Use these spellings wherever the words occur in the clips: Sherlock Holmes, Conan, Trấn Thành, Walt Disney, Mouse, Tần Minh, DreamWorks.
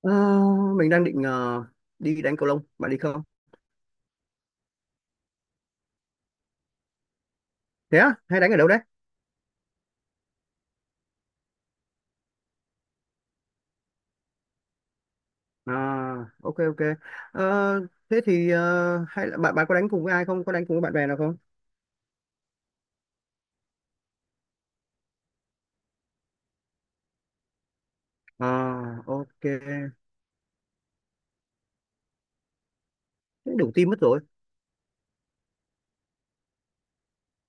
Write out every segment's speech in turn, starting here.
Ờ, mình đang định đi đánh cầu lông, bạn đi không? Thế á, hay đánh ở đâu đấy? À, ok ok. Ờ, thế thì hay là bạn bạn có đánh cùng với ai không? Có đánh cùng với bạn bè nào không? À, ok. Thế đủ team mất rồi.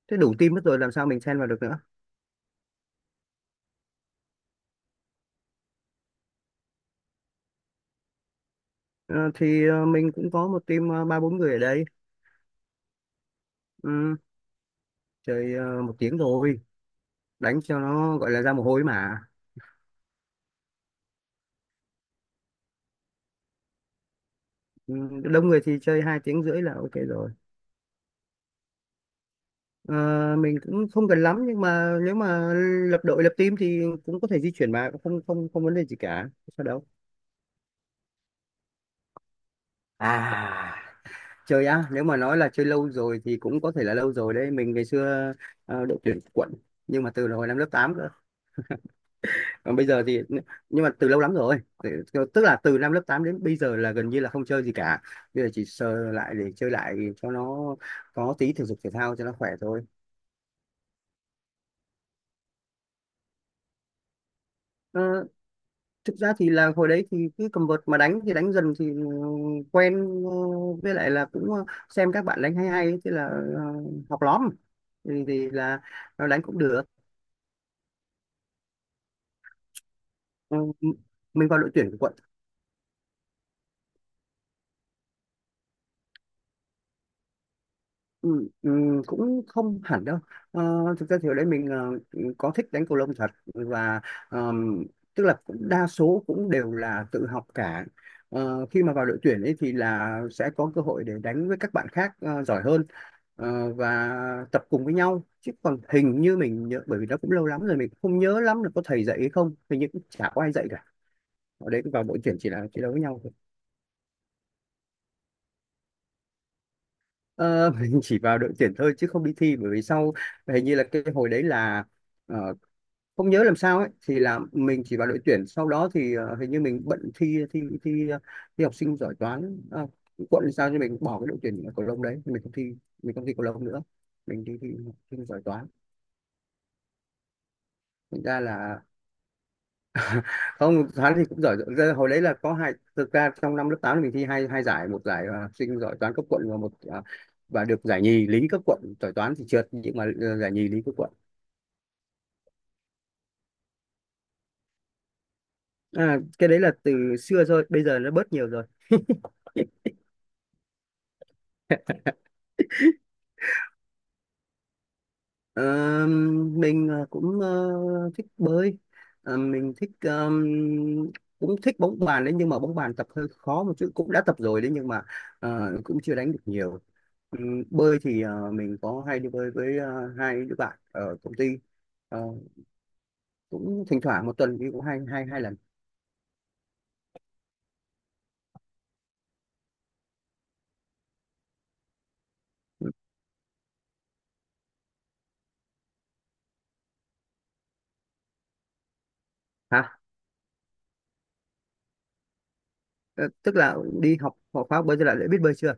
Thế đủ team mất rồi làm sao mình xen vào được nữa? Ờ, thì mình cũng có một team ba bốn người ở đây. Ừ, chơi 1 tiếng rồi, đánh cho nó gọi là ra mồ hôi mà. Ừ, đông người thì chơi 2 tiếng rưỡi là ok rồi. À, mình cũng không cần lắm nhưng mà nếu mà lập đội lập team thì cũng có thể di chuyển mà cũng không không không vấn đề gì cả sao đâu. À, chơi á, nếu mà nói là chơi lâu rồi thì cũng có thể là lâu rồi đấy. Mình ngày xưa đội tuyển quận nhưng mà từ hồi năm lớp 8 cơ, còn bây giờ thì nhưng mà từ lâu lắm rồi. Tức là từ năm lớp 8 đến bây giờ là gần như là không chơi gì cả. Bây giờ chỉ sờ lại để chơi lại cho nó có tí thể dục thể thao cho nó khỏe thôi. Thực ra thì là hồi đấy thì cứ cầm vợt mà đánh thì đánh dần thì quen, ờ, với lại là cũng xem các bạn đánh hay hay, thế là ờ, học lóm, thì là nó đánh cũng được. Ừ, mình vào đội tuyển của quận. Ừ, ừ, cũng không hẳn đâu. Ờ, thực ra thì ở đây mình có thích đánh cầu lông thật và ờm, tức là cũng đa số cũng đều là tự học cả. Khi mà vào đội tuyển ấy thì là sẽ có cơ hội để đánh với các bạn khác giỏi hơn và tập cùng với nhau. Chứ còn hình như mình nhớ, bởi vì nó cũng lâu lắm rồi, mình cũng không nhớ lắm là có thầy dạy hay không, hình như cũng chả có ai dạy cả. Ở đấy vào đội tuyển chỉ là chiến đấu với nhau thôi. Ờ, mình chỉ vào đội tuyển thôi chứ không đi thi. Bởi vì sau, hình như là cái hồi đấy là ờ, không nhớ làm sao ấy, thì là mình chỉ vào đội tuyển, sau đó thì hình như mình bận thi thi thi ờ, thi học sinh giỏi toán à, quận, sao cho mình bỏ cái đội tuyển cầu lông đấy, mình không thi, mình không thi cầu lông nữa, mình đi thi học sinh giỏi toán. Thành ra là không. Toán thì cũng giỏi giỏi. Ra hồi đấy là có hai, thực ra trong năm lớp 8 mình thi hai hai giải: một giải học sinh giỏi toán cấp quận và một và được giải nhì lý cấp quận. Giỏi toán thì trượt nhưng mà giải nhì lý cấp quận. À, cái đấy là từ xưa rồi, bây giờ nó bớt nhiều rồi. Ờ, mình cũng thích bơi. Mình thích cũng thích bóng bàn đấy, nhưng mà bóng bàn tập hơi khó một chút, cũng đã tập rồi đấy nhưng mà cũng chưa đánh được nhiều. Bơi thì mình có hay đi bơi với hai đứa bạn ở công ty. Ờ, cũng thỉnh thoảng 1 tuần đi cũng hai hai hai lần. Hả? Ờ, tức là đi học học khóa bơi, tức lại đã biết bơi chưa?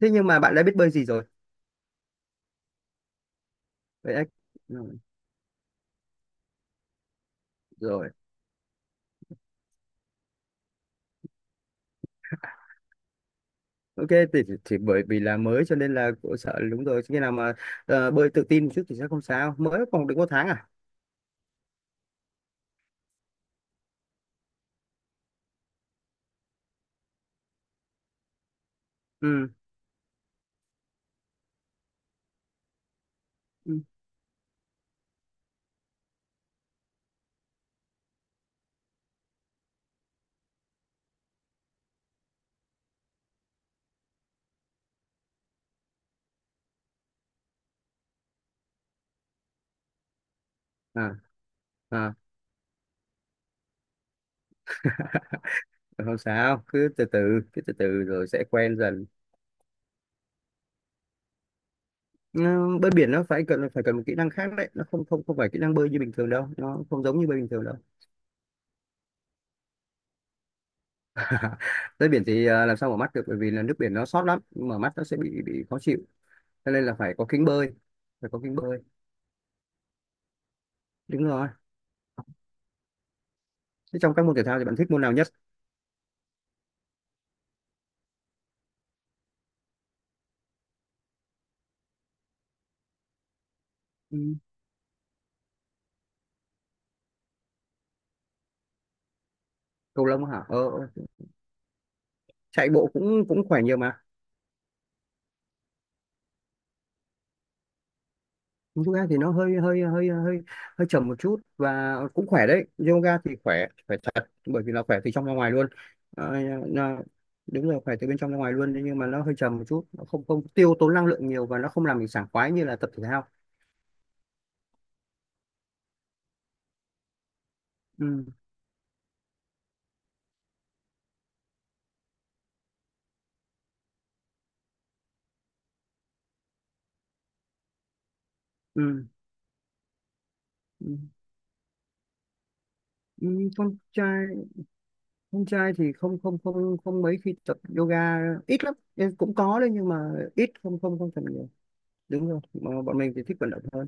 Thế nhưng mà bạn đã biết bơi gì rồi vậy? Ừ, rồi. Ok, thì bởi vì là mới cho nên là cũng sợ, đúng rồi, khi nào mà bơi tự tin một chút thì sẽ không sao, mới còn được 1 tháng à? Ừ. Ừ. À, à. Không sao, cứ từ từ, cứ từ từ rồi sẽ quen dần. Ừ, bơi biển nó phải cần một kỹ năng khác đấy, nó không không không phải kỹ năng bơi như bình thường đâu, nó không giống như bơi bình thường đâu. Bơi biển thì làm sao mở mắt được, bởi vì là nước biển nó sót lắm, mở mắt nó sẽ bị khó chịu, cho nên là phải có kính bơi, phải có kính bơi. Đúng rồi. Thế trong các môn thể thao thì bạn thích môn nào nhất? Ừ. Cầu lông hả? Ờ. Chạy bộ cũng cũng khỏe nhiều mà. Yoga thì nó hơi hơi hơi hơi hơi chậm một chút và cũng khỏe đấy. Yoga thì khỏe khỏe thật, bởi vì là khỏe từ trong ra ngoài luôn. Ờ, nó- Đúng rồi, khỏe từ bên trong ra ngoài luôn. Thế nhưng mà nó hơi chậm một chút, nó không không tiêu tốn năng lượng nhiều và nó không làm mình sảng khoái như là tập thể thao. Ừ, ừ, ừ. Ừ, con trai con trai thì không không không không mấy khi tập yoga. Ít lắm. Ừ, cũng có đấy nhưng mà ít, không không không tập nhiều. Đúng rồi, mà bọn mình thì thích vận động hơn.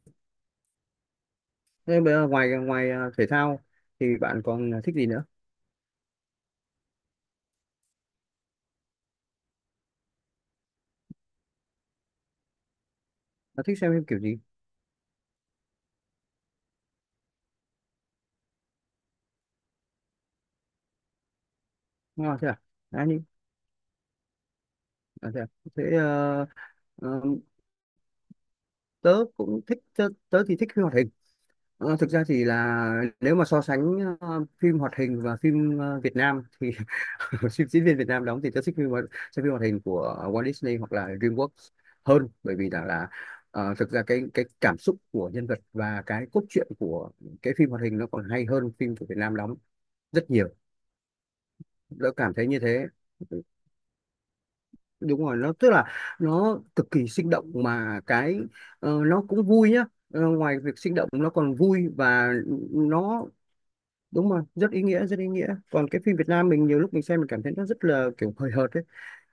Thế bây giờ ngoài ngoài à, thể thao thì bạn còn thích gì nữa? Bạn thích xem phim kiểu gì? À, thế à? À, nhưng, à? Thế ờ, tớ cũng thích, tớ thì thích phim hoạt hình. Thực ra thì là, nếu mà so sánh phim hoạt hình và phim Việt Nam thì phim diễn viên Việt Nam đóng thì tớ thích xem phim hoạt hình của Walt Disney hoặc là DreamWorks hơn, bởi vì rằng là thực ra cái cảm xúc của nhân vật và cái cốt truyện của cái phim hoạt hình nó còn hay hơn phim của Việt Nam đóng rất nhiều. Đã cảm thấy như thế. Đúng rồi nó tức là nó cực kỳ sinh động mà cái, nó cũng vui nhá. Ngoài việc sinh động nó còn vui và nó, đúng rồi, rất ý nghĩa, rất ý nghĩa. Còn cái phim Việt Nam, mình nhiều lúc mình xem mình cảm thấy nó rất là kiểu hời hợt ấy.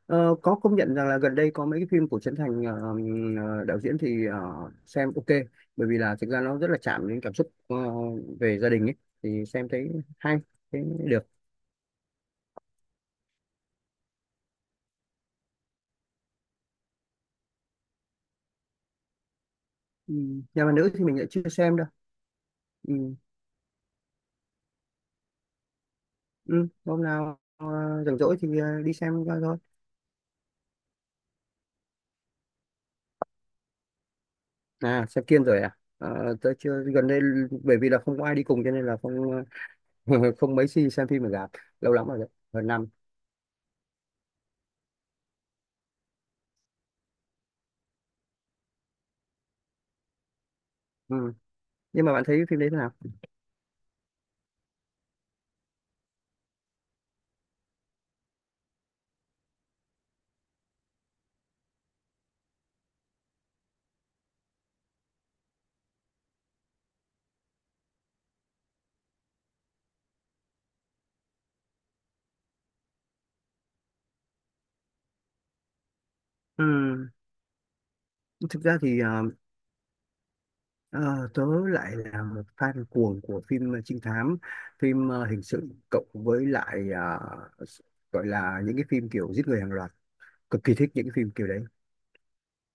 Có công nhận rằng là gần đây có mấy cái phim của Trấn Thành, đạo diễn thì xem ok, bởi vì là thực ra nó rất là chạm đến cảm xúc về gia đình ấy, thì xem thấy hay, thấy được. Ừ. Nhà bà nữ thì mình lại chưa xem đâu. Ừ. Ừ, hôm nào rảnh rỗi thì đi xem coi thôi. À, xem Kiên rồi à? Ờ, tớ chưa gần đây, bởi vì là không có ai đi cùng cho nên là không không mấy khi xem phim ở rạp, lâu lắm rồi đấy, gần năm. Ừ. Nhưng mà bạn thấy phim đấy thế nào? Ừ. Thực ra thì ờ, tớ lại là một fan cuồng của phim trinh thám, phim hình sự, cộng với lại gọi là những cái phim kiểu giết người hàng loạt. Cực kỳ thích những cái phim kiểu đấy.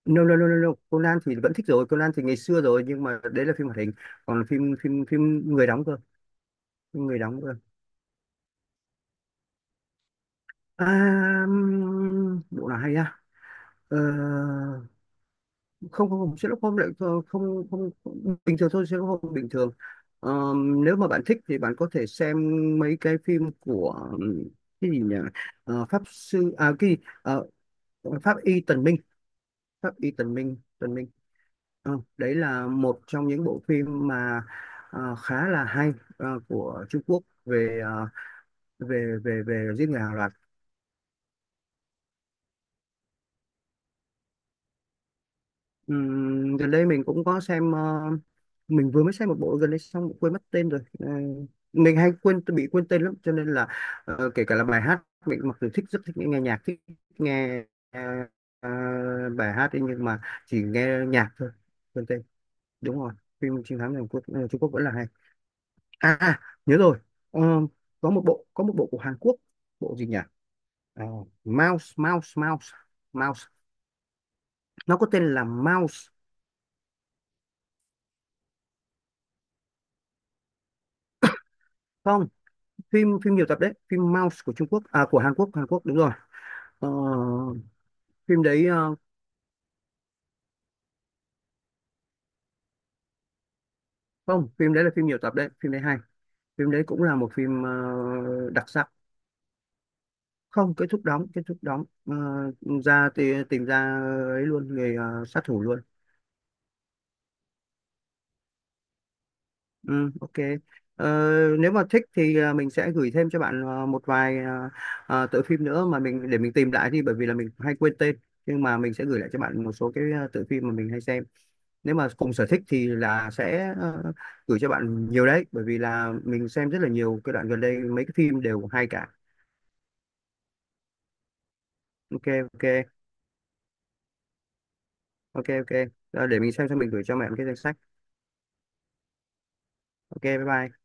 No, no, no, no, no. Conan thì vẫn thích rồi, Conan thì ngày xưa rồi nhưng mà đấy là phim hoạt hình, còn phim phim phim người đóng cơ, phim người đóng cơ. À, bộ nào hay á? Ờ, không không không, Sherlock Holmes lại không không không- bình thường thôi, Sherlock Holmes bình thường. Ờ, nếu mà bạn thích thì bạn có thể xem mấy cái phim của cái gì nhỉ? Pháp sư à cái gì? Ờ, pháp y Tần Minh, pháp y Tần Minh, Tần Minh. Đấy là một trong những bộ phim mà khá là hay, của Trung Quốc về ờ, về về về giết người hàng loạt. Gần đây mình cũng có xem, mình vừa mới xem một bộ gần đây xong quên mất tên rồi. Ờ, mình hay quên, bị quên tên lắm, cho nên là kể cả là bài hát, mình mặc dù thích, rất thích nghe nhạc, thích nghe ờ, ờ, bài hát ấy, nhưng mà chỉ nghe nhạc thôi, quên tên. Đúng rồi, phim chiến thắng Hàn Quốc, Trung Quốc vẫn là hay. À, à, nhớ rồi. Ờ, có một bộ của Hàn Quốc, bộ gì nhỉ? Ờ, Mouse, Mouse, Mouse, Mouse, nó có tên là Mouse. Không, phim phim nhiều tập đấy, phim Mouse của Trung Quốc, à, của Hàn Quốc, Hàn Quốc đúng rồi. Ờ, phim đấy không, phim đấy là phim nhiều tập đấy, phim đấy hay. Phim đấy cũng là một phim đặc sắc. Không, kết thúc đóng, kết thúc đóng. Ờ, ra thì tìm ra ấy luôn người sát thủ luôn. Ừ, ok. Ờ, nếu mà thích thì mình sẽ gửi thêm cho bạn một vài tựa phim nữa, mà mình để mình tìm lại đi bởi vì là mình hay quên tên, nhưng mà mình sẽ gửi lại cho bạn một số cái tựa phim mà mình hay xem. Nếu mà cùng sở thích thì là sẽ gửi cho bạn nhiều đấy, bởi vì là mình xem rất là nhiều cái đoạn gần đây mấy cái phim đều hay cả. Ok ok ok ok. Để mình xem xong mình gửi cho mẹ một cái danh sách. Ok, bye bye.